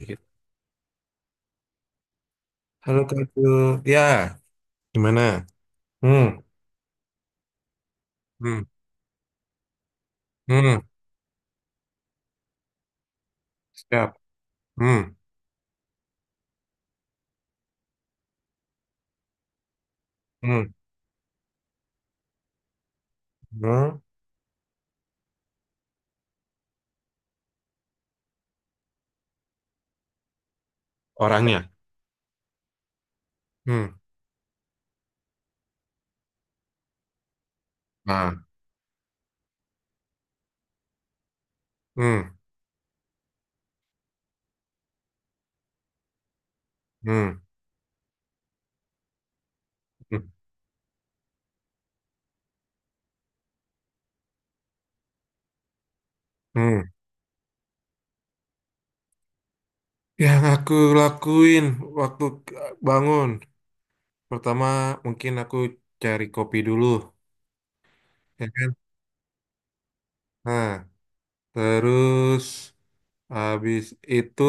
Gitu. Halo Kak Abdul. Ya, gimana? Hmm. Hmm. Hmm. Siap. Hmm. Hmm. Hmm. Orangnya. Hmm. Nah. Hmm. Hmm. Hmm. Hmm. Yang aku lakuin waktu bangun, pertama mungkin aku cari kopi dulu, ya kan? Nah, terus habis itu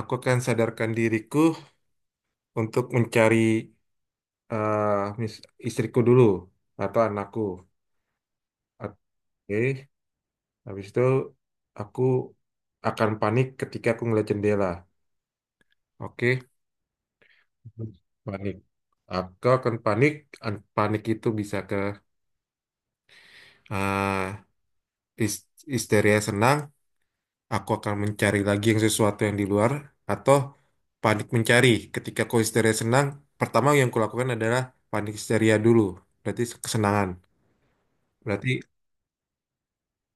aku akan sadarkan diriku untuk mencari eh, mis- istriku dulu atau anakku. Oke, habis itu aku akan panik ketika aku ngeliat jendela. Oke, panik. Aku akan panik. Panik itu bisa ke eh, his- histeria senang. Aku akan mencari lagi yang sesuatu yang di luar atau panik mencari. Ketika aku histeria senang, pertama yang kulakukan adalah panik histeria dulu. Berarti kesenangan. Berarti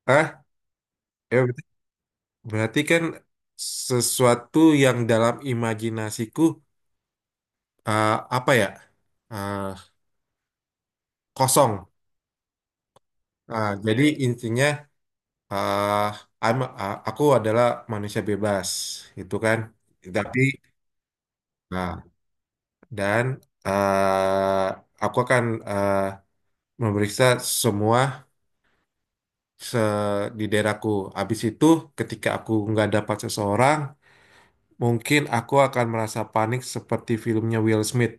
ah, ya berarti berarti kan sesuatu yang dalam imajinasiku, eh, apa ya? eh, Kosong. Jadi intinya, eh, aku adalah manusia bebas, itu kan. Tapi nah, dan eh, aku akan eh, memeriksa semua se- di daerahku. Habis itu, ketika aku nggak dapat seseorang, mungkin aku akan merasa panik seperti filmnya Will Smith.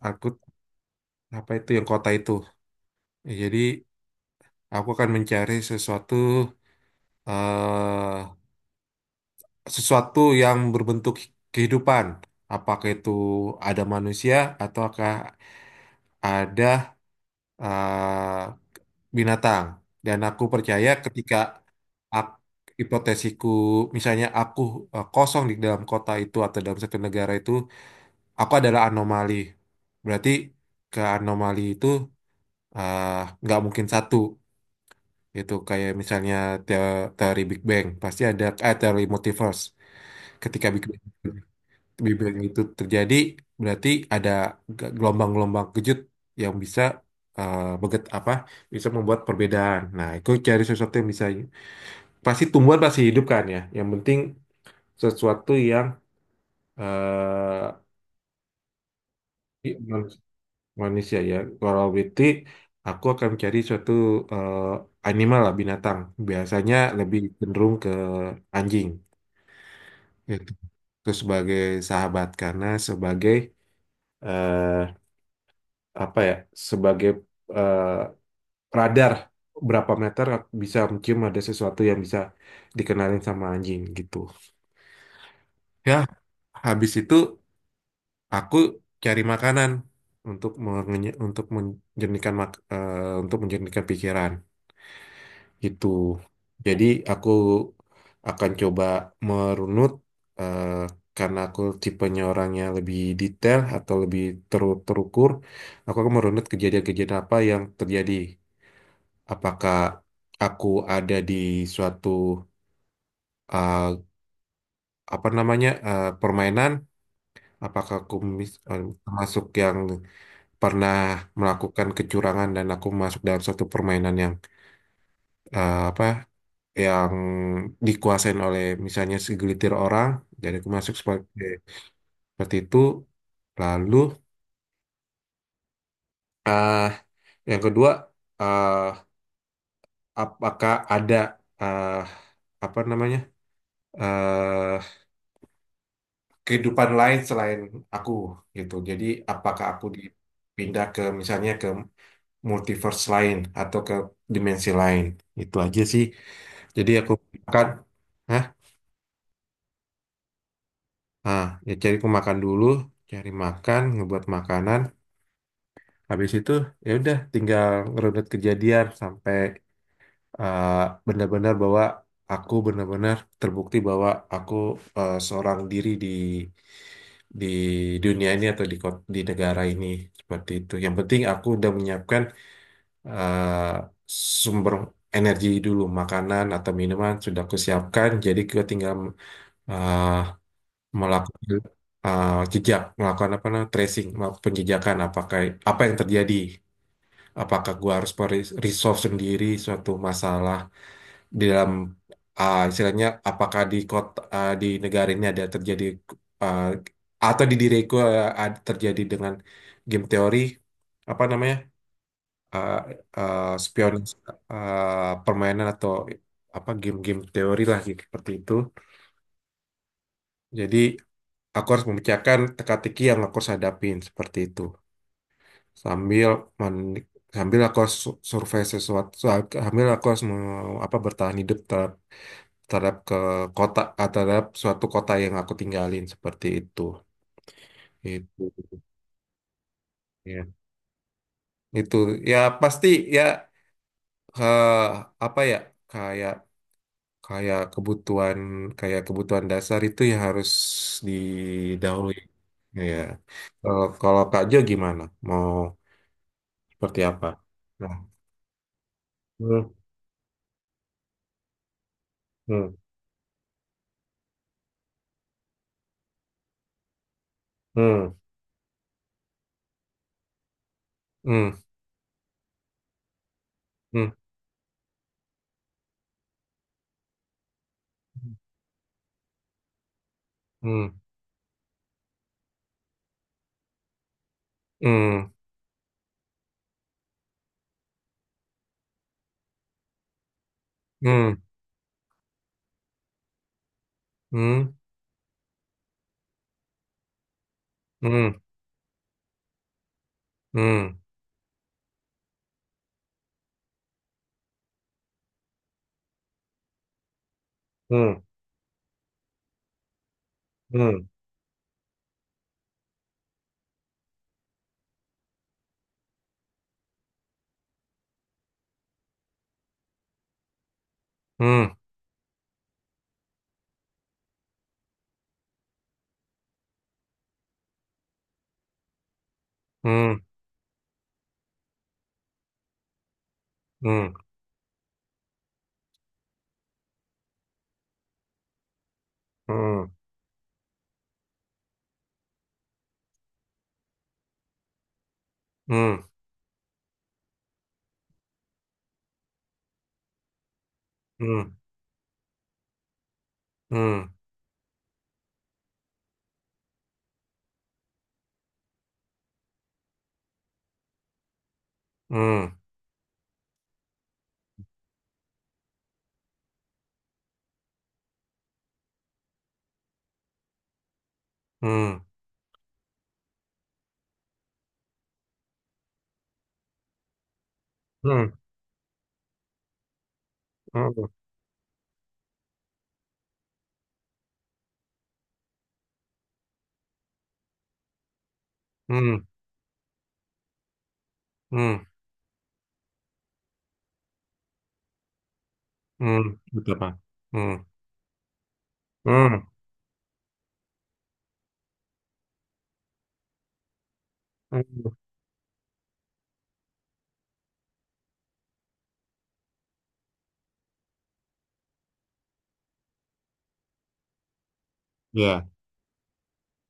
Aku apa itu yang kota itu. Jadi aku akan mencari sesuatu, eh sesuatu yang berbentuk kehidupan. Apakah itu ada manusia ataukah ada eh, binatang. Dan aku percaya ketika ak- hipotesisku, misalnya aku kosong di dalam kota itu atau dalam satu negara itu, aku adalah anomali. Berarti ke anomali itu eh, nggak mungkin satu. Itu kayak misalnya teori Big Bang. Pasti ada teori multiverse ketika Big Bang. Lebih baik itu terjadi berarti ada gelombang-gelombang kejut yang bisa, beget apa, bisa membuat perbedaan. Nah, itu cari sesuatu yang bisa, pasti tumbuhan pasti hidup kan ya. Yang penting sesuatu yang eh, i- man- manusia ya. Kalau berarti aku akan cari suatu animal lah binatang. Biasanya lebih cenderung ke anjing. Itu sebagai sahabat karena sebagai, eh, apa ya, sebagai eh, radar berapa meter bisa mencium ada sesuatu yang bisa dikenalin sama anjing gitu. Ya, habis itu aku cari makanan untuk menjernihkan untuk menjernihkan pikiran gitu. Jadi aku akan coba merunut, eh, karena aku tipenya orangnya lebih detail atau lebih terukur. Aku akan merunut kejadian-kejadian apa yang terjadi, apakah aku ada di suatu uh, apa namanya, permainan, apakah aku termasuk yang pernah melakukan kecurangan dan aku masuk dalam suatu permainan yang, apa yang dikuasain oleh misalnya segelitir orang, jadi aku masuk seperti seperti itu. Lalu uh, yang kedua, uh, apakah ada, uh, apa namanya, eh, kehidupan lain selain aku gitu. Jadi apakah aku dipindah ke misalnya ke multiverse lain atau ke dimensi lain. Itu aja sih. Jadi aku makan. Hah? Ah, ya cari aku makan dulu, cari makan, ngebuat makanan. Habis itu ya udah tinggal ngerunut kejadian sampai eh, benar-benar bahwa aku benar-benar terbukti bahwa aku seorang diri di dunia ini atau di negara ini seperti itu. Yang penting aku udah menyiapkan eh, sumber energi dulu, makanan atau minuman sudah aku siapkan. Jadi kita tinggal eh, melakukan jejak, melakukan apa namanya, tracing, melakukan penjejakan apakah apa yang terjadi. Apakah gua harus resolve sendiri suatu masalah di dalam, istilahnya apakah di kota, di negara ini ada terjadi, uh, atau di diriku, ada terjadi dengan game teori apa namanya, uh, spion, permainan atau apa game-game teori lah gitu, seperti itu. Jadi aku harus memecahkan teka-teki yang aku harus hadapin seperti itu, sambil men- sambil aku harus survei sesuatu, sambil aku harus apa, bertahan hidup dalam, terhadap ke kota, terhadap suatu kota yang aku tinggalin seperti itu. Itu ya, itu ya pasti ya, eh, apa ya, kayak kayak kebutuhan, kayak kebutuhan dasar itu ya harus didahului ya. Kalau kalau Kak Jo gimana, mau seperti apa? Nah. Hmm. Hmm. Hmm. Hmm. Hmm. Hmm. Hmm. Hmm. Hmm. Hmm. Hmm. Hmm. Hmm. Hmm. Hmm. Hmm. うん、うん、うん、うん、うん、うん、うん、うん、うん、うん、betul Pak. Hmm. Hmm. Hmm. Ya.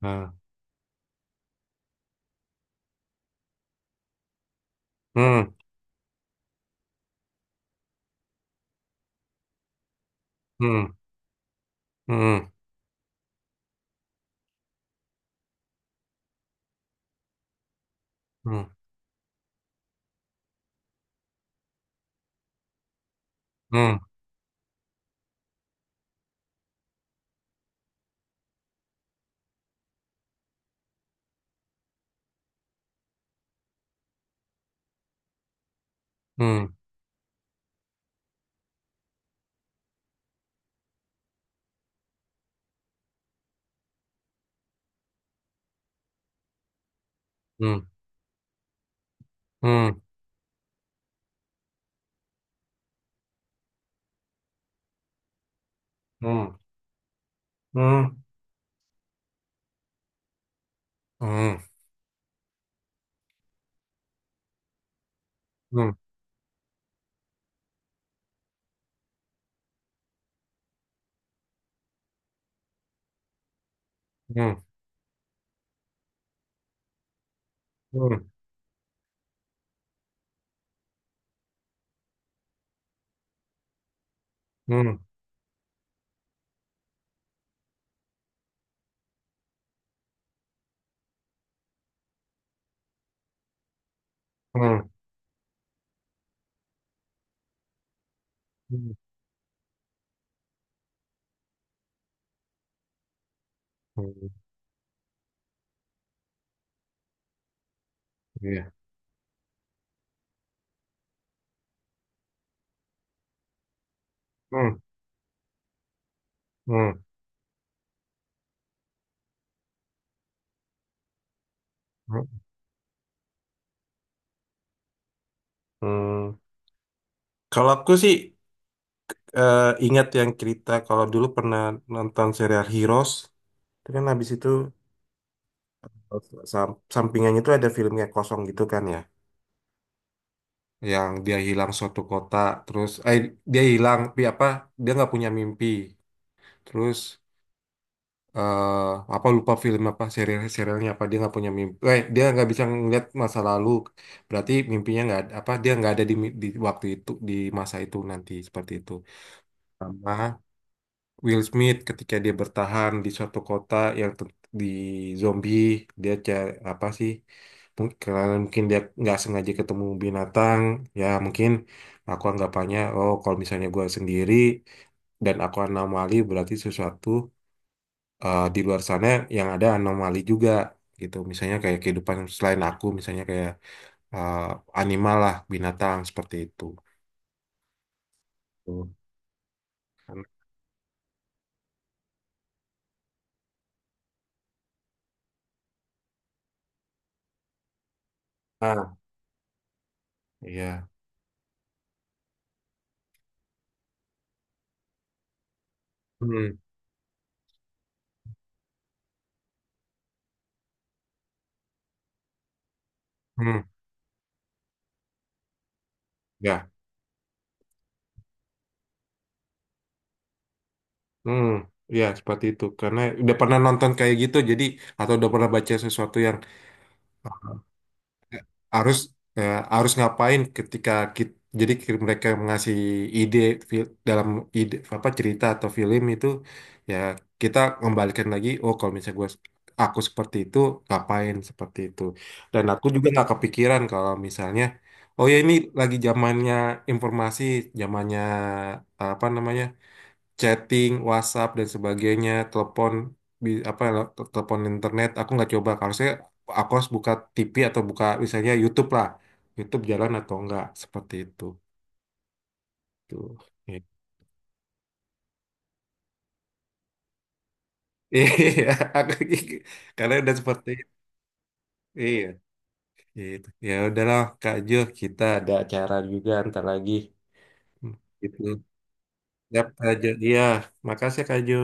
Ah. Hmm. Hmm. Hmm. Hmm. Hmm. Hmm. Hmm. Hmm. Hmm. Hmm. Hmm. Hmm. Hmm. Hmm. Hmm. Hmm. Hmm. Hmm. Iya. Hmm. Hmm. Hmm. Hmm. Kalau aku sih, ingat yang cerita kalau dulu pernah nonton serial Heroes, itu kan habis itu sampingannya itu ada filmnya kosong gitu kan ya, yang dia hilang suatu kota. Terus dia hilang, tapi apa dia nggak punya mimpi. Terus eh apa lupa film apa serial serialnya, apa dia nggak punya mimpi, dia nggak bisa ngeliat masa lalu, berarti mimpinya nggak ada- apa dia nggak ada di, di waktu itu di masa itu nanti seperti itu, sama. Will Smith ketika dia bertahan di suatu kota yang di zombie, dia cari apa sih, mungkin karena mungkin dia nggak sengaja ketemu binatang. Ya mungkin aku anggapannya oh kalau misalnya gue sendiri dan aku anomali, berarti sesuatu di luar sana yang ada anomali juga gitu, misalnya kayak kehidupan selain aku, misalnya kayak eh, animal lah binatang seperti itu. Tuh. Ah, iya. Hmm. Hmm. Ya. Hmm, ya seperti itu. Karena udah pernah nonton kayak gitu, jadi atau udah pernah baca sesuatu yang harus, harus ngapain ketika kita, jadi mereka ngasih ide, dalam ide apa cerita atau film itu, ya kita kembalikan lagi. Oh, kalau misalnya gua aku seperti itu ngapain seperti itu. Dan aku juga nggak kepikiran kalau misalnya, oh ya ini lagi zamannya informasi, zamannya apa namanya? Chatting, WhatsApp dan sebagainya, telepon apa telepon internet aku nggak coba. Harusnya aku harus buka TV atau buka misalnya YouTube lah. YouTube jalan atau enggak seperti itu. Tuh. Iya, aku karena udah seperti itu. Iya, gitu. Ya udahlah Kak Jo, kita ada acara juga ntar lagi. Hmm. Gitu. Yap, Kak Jo. Iya, makasih ya, Kak Jo.